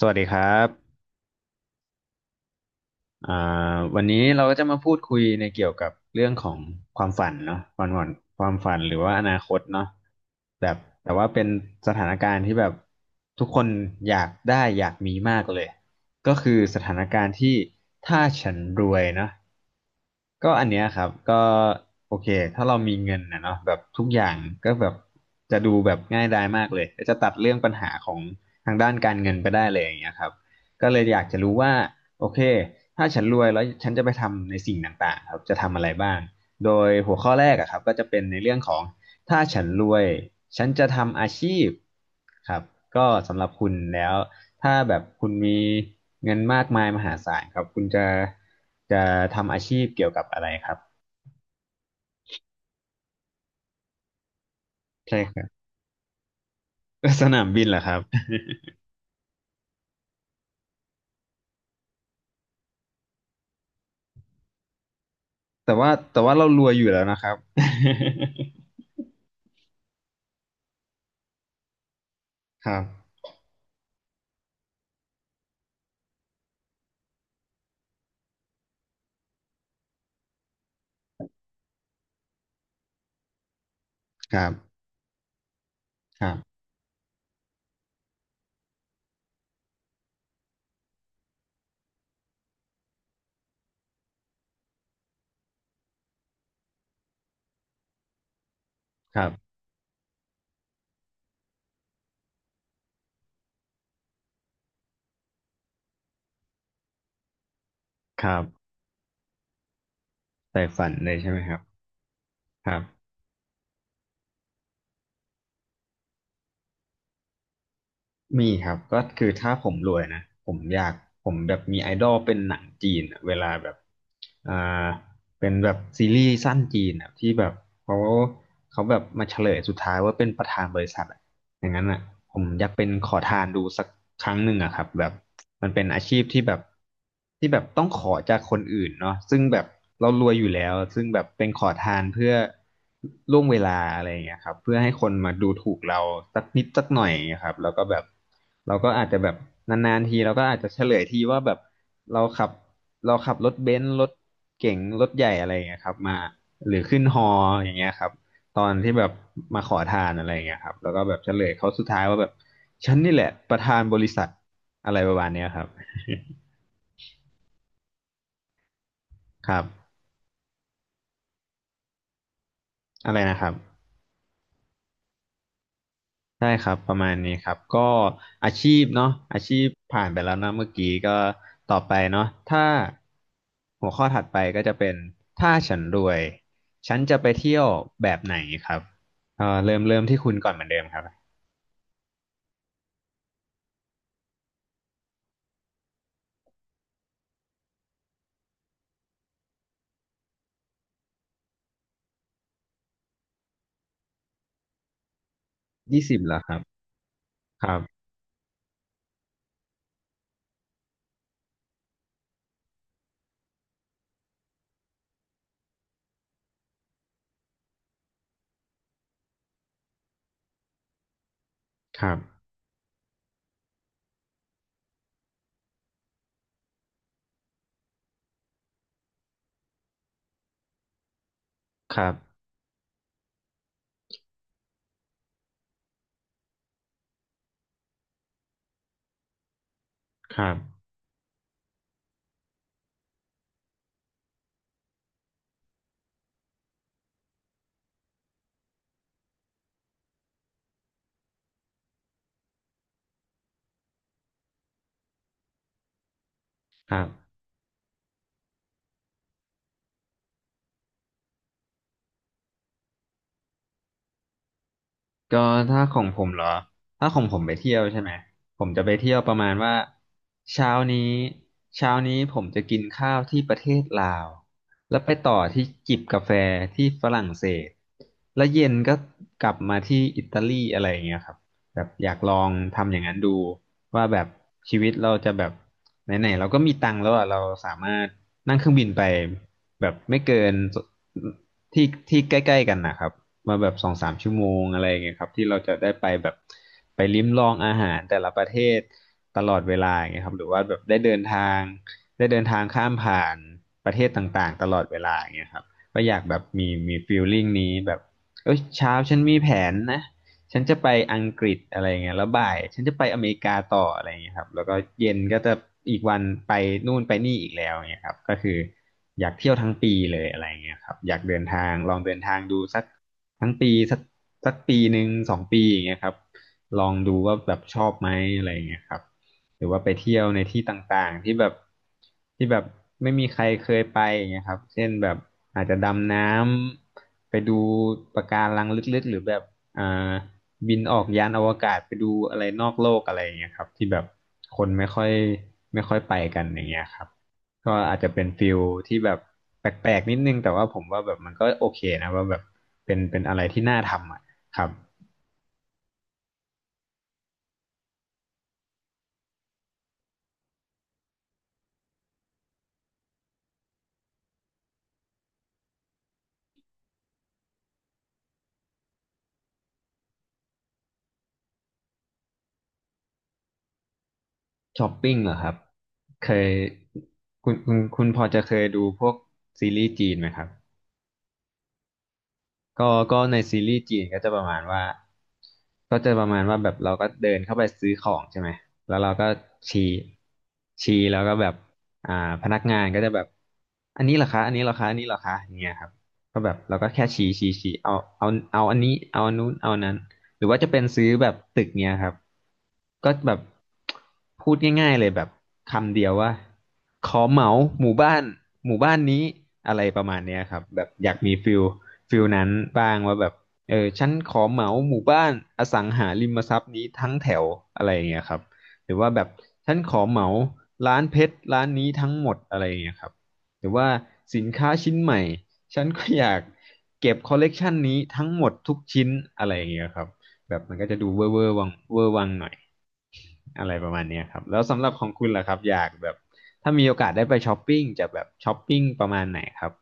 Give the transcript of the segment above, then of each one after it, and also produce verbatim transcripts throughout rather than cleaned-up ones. สวัสดีครับอ่าวันนี้เราก็จะมาพูดคุยในเกี่ยวกับเรื่องของความฝันเนาะความฝันความฝันหรือว่าอนาคตเนาะแบบแต่ว่าเป็นสถานการณ์ที่แบบทุกคนอยากได้อยากมีมากเลยก็คือสถานการณ์ที่ถ้าฉันรวยเนาะก็อันเนี้ยครับก็โอเคถ้าเรามีเงินนะเนาะแบบทุกอย่างก็แบบจะดูแบบง่ายดายมากเลยก็จะตัดเรื่องปัญหาของทางด้านการเงินไปได้เลยอย่างเงี้ยครับก็เลยอยากจะรู้ว่า โอเคถ้าฉันรวยแล้วฉันจะไปทำในสิ่งต่างๆครับ จะทำอะไรบ้าง โดยหัวข้อแรกอะครับก็จะเป็นในเรื่องของถ้าฉันรวยฉันจะทำอาชีพครับก็สำหรับคุณแล้วถ้าแบบคุณมีเงินมากมายมหาศาลครับคุณจะจะทำอาชีพเกี่ยวกับอะไรครับใช่ครับ สนามบินเหรอครับแต่ว่าแต่ว่าเรารวยอยู่แล้วนะครับ ครับครับครับครับครับแต่ฝันเลยใช่ไหมครับครับ มีครับก็คือถ้าผมรวยนะผมอยากผมแบบมีไอดอลเป็นหนังจีนอะเวลาแบบอ่าเป็นแบบซีรีส์สั้นจีนอะที่แบบเขาเขาแบบมาเฉลยสุดท้ายว่าเป็นประธานบริษัท อย่างนั้นอ่ะผมอยากเป็นขอทานดูสักครั้งหนึ่งอะครับแบบมันเป็นอาชีพที่แบบที่แบบต้องขอจากคนอื่นเนาะซึ่งแบบเรารวยอยู่แล้วซึ่งแบบเป็นขอทานเพื่อล่วงเวลาอะไรอย่างเงี้ยครับเพื่อให้คนมาดูถูกเราสักนิดสักหน่อยอย่างเงี้ยครับแล้วก็แบบเราก็อาจจะแบบนานๆทีเราก็อาจจะเฉลยทีว่าแบบเราขับเราขับรถเบนซ์รถเก๋งรถใหญ่อะไรอย่างเงี้ยครับมาหรือขึ้นฮออย่างเงี้ยครับ ตอนที่แบบมาขอทานอะไรอย่างเงี้ยครับแล้วก็แบบเฉลยเขาสุดท้ายว่าแบบฉันนี่แหละประธานบริษัทอะไรประมาณเนี้ยครับ ครับอะไรนะครับใช่ครับ ประมาณนี้ครับ ก็อาชีพเนาะอาชีพผ่านไปแล้วนะเมื่อกี้ก็ต่อไปเนาะถ้าหัวข้อถัดไปก็จะเป็นถ้าฉันรวยฉันจะไปเที่ยวแบบไหนครับเอ่อเริ่มเริ่มที่คุณก่อนเหมือนเดิมครับยี่สิบเหรอครับ ครับครับครับครับครับ ก็ถ้าของผมเหรอถ้าของผมไปเที่ยวใช่ไหมผมจะไปเที่ยวประมาณว่าเช้านี้เช้านี้ผมจะกินข้าวที่ประเทศลาวแล้วไปต่อที่จิบกาแฟที่ฝรั่งเศสแล้วเย็นก็กลับมาที่อิตาลีอะไรอย่างเงี้ยครับแบบอยากลองทำอย่างนั้นดูว่าแบบชีวิตเราจะแบบไหนๆเราก็มีตังค์แล้วอ่ะเราสามารถนั่งเครื่องบินไปแบบไม่เกินที่ที่ใกล้ๆกันนะครับ มาแบบสองสามชั่วโมงอะไรอย่างเงี้ยครับที่เราจะได้ไปแบบไปลิ้มลองอาหารแต่ละประเทศตลอดเวลาอย่างเงี้ยครับหรือว่าแบบได้เดินทางได้เดินทางข้ามผ่านประเทศต่างๆตลอดเวลาอย่างเงี้ยครับก็อยากแบบมีมีฟีลลิ่งนี้แบบเอ้ยเช้าฉันมีแผนนะฉันจะไปอังกฤษอะไรเงี้ยแล้วบ่ายฉันจะไปอเมริกาต่ออะไรเงี้ยครับแล้วก็เย็นก็จะอีกวันไปนู่นไปนี่อีกแล้วเงี้ยครับก็คืออยากเที่ยวทั้งปีเลยอะไรเงี้ยครับอยากเดินทางลองเดินทางดูสัก ทั้งปีสักสักปีหนึ่งสองปีอย่างเงี้ยครับลองดูว่าแบบชอบไหมอะไรอย่างเงี้ยครับหรือว่าไปเที่ยวในที่ต่างๆที่แบบที่แบบไม่มีใครเคยไปอย่างเงี้ยครับเช่นแบบอาจจะดำน้ำไปดูปะการังลึกๆหรือแบบอ่าบินออกยานอวกาศไปดูอะไรนอกโลกอะไรอย่างเงี้ยครับที่แบบคนไม่ค่อยไม่ค่อยไปกันอย่างเงี้ยครับ ก็อาจจะเป็นฟิลที่แบบแปลกๆนิดนึงแต่ว่าผมว่าแบบมันก็โอเคนะว่าแบบเป็นเป็นอะไรที่น่าทำอ่ะครับช้อปปิ้งเหรอครับเคยคุณคุณคุณพอจะเคยดูพวกซีรีส์จีนไหมครับ ก็ก็ในซีรีส์จีนก็จะประมาณว่าก็จะประมาณว่าแบบเราก็เดินเข้าไปซื้อของใช่ไหมแล้วเราก็ชี้ชี้แล้วก็แบบอ่าพนักงานก็จะแบบอันนี้เหรอคะอันนี้เหรอคะอันนี้เหรอคะอย่างเงี้ยครับก็แบบเราก็แค่ชี้ชี้ชี้เอาเอาเอาอันนี้เอาอันนู้นเอาอันนั้นหรือว่าจะเป็นซื้อแบบตึกเนี้ยครับก็แบบพูดง่ายๆเลยแบบคำเดียวว่าขอเหมาหมู่บ้านหมู่บ้านนี้อะไรประมาณเนี้ยครับแบบอยากมีฟิล ฟิลนั้นบ้างว่าแบบเออฉันขอเหมาหมู่บ้านอสังหาริมทรัพย์นี้ทั้งแถวอะไรอย่างเงี้ยครับหรือว่าแบบฉันขอเหมาร้านเพชรร้านนี้ทั้งหมดอะไรอย่างเงี้ยครับหรือว่าสินค้าชิ้นใหม่ฉันก็อยากเก็บคอลเลกชันนี้ทั้งหมดทุกชิ้นอะไรอย่างเงี้ยครับแบบมันก็จะดูเวอร์เวอร์วังเวอร์วังหน่อยอะไรประมาณเนี้ยครับแล้วสำหรับของคุณล่ะครับอยากแบบถ้ามีโอกาสได้ไปช้อปปิ้งจะแบบช้อปปิ้งประมาณไหนครับ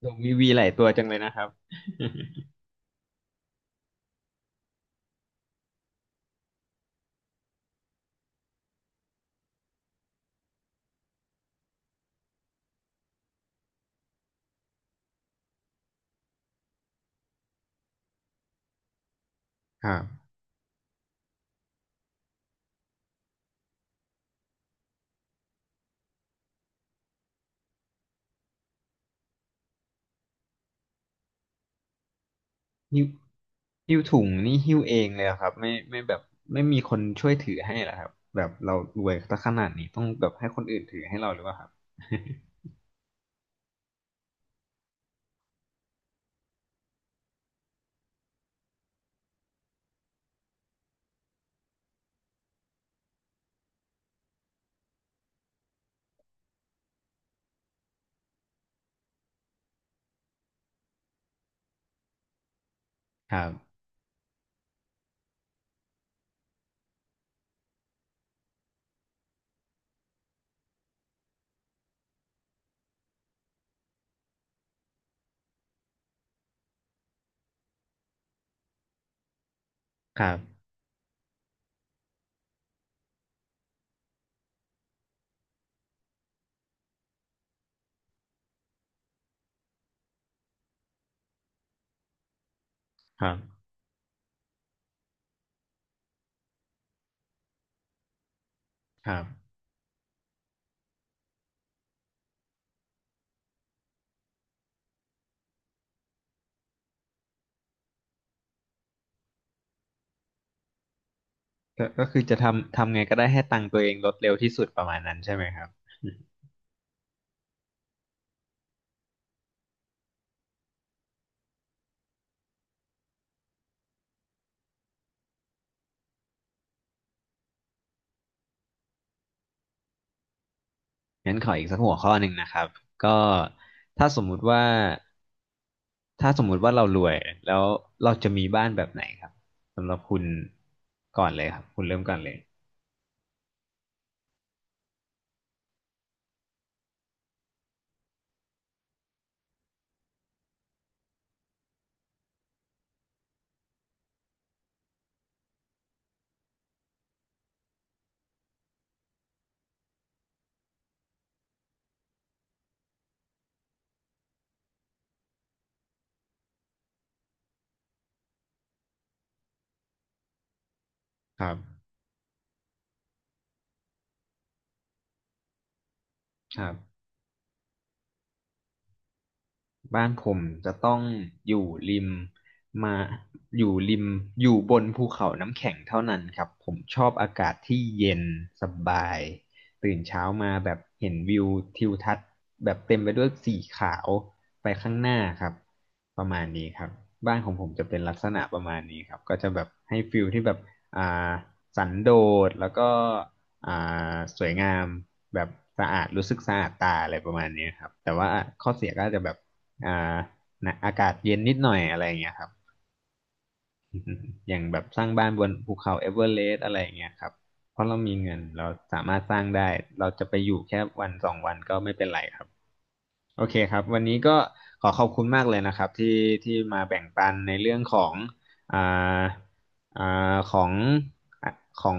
โอ้มีวีหลายตัวจังเลยนะครับ ครับหิ้วหิ้วถุงนี่หิ้วเองเลยเหรอครับไม่ไม่แบบไม่มีคนช่วยถือให้เหรอครับแบบเรารวยซะขนาดนี้ต้องแบบให้คนอื่นถือให้เราหรือเปล่าครับ ครับครับครับครับก็ก็คือจะทำทำไงก็ได้ให้ตังค์ตัวเองลดเร็วที่สุดประมาณนั้นใช่ไหมครับ งั้นขออีกสักหัวข้อหนึ่งนะครับก็ถ้าสมมุติว่าถ้าสมมุติว่าเรารวยแล้วเราจะมีบ้านแบบไหนครับสำหรับคุณก่อนเลยครับคุณเริ่มก่อนเลยครับครับ บ้านผมจะต้องอยู่ริมมาอยู่ริมอยู่บนภูเขาน้ำแข็งเท่านั้นครับผมชอบอากาศที่เย็นสบายตื่นเช้ามาแบบเห็นวิวทิวทัศน์แบบเต็มไปด้วยสีขาวไปข้างหน้าครับประมาณนี้ครับบ้านของผมจะเป็นลักษณะประมาณนี้ครับก็จะแบบให้ฟิลที่แบบอ่าสันโดษแล้วก็อ่าสวยงามแบบสะอาดรู้สึกสะอาดตาอะไรประมาณนี้ครับแต่ว่าข้อเสียก็อาจจะแบบ อ่านะอากาศเย็นนิดหน่อยอะไรอย่างเงี้ยครับ อย่างแบบสร้างบ้านบนภูเขาเอเวอเรสต์อะไรอย่างเงี้ยครับเพราะเรามีเงินเราสามารถสร้างได้ เราจะไปอยู่แค่วันสองวันก็ไม่เป็นไรครับโอเคครับวันนี้ก็ขอขอบคุณมากเลยนะครับที่ที่มาแบ่งปันในเรื่องของอ่าอ่าของอ่ะของ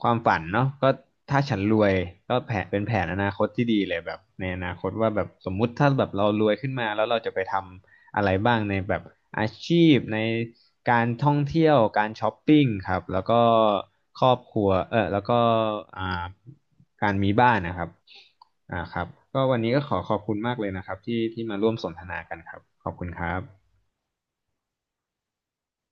ความฝันเนาะก็ถ้าฉันรวยก็แผนเป็นแผนอนาคตที่ดีเลยแบบในอนาคตว่าแบบสมมุติถ้าแบบเรารวยขึ้นมาแล้วเราจะไปทำ อะไรบ้างในแบบอาชีพในการท่องเที่ยวการช้อปปิ้งครับแล้วก็ครอบครัวเออแล้วก็อ่าการมีบ้านนะครับอ่าครับก็วันนี้ก็ขอขอบคุณมากเลยนะครับที่ที่มาร่วมสนทนากันครับขอบคุณครับ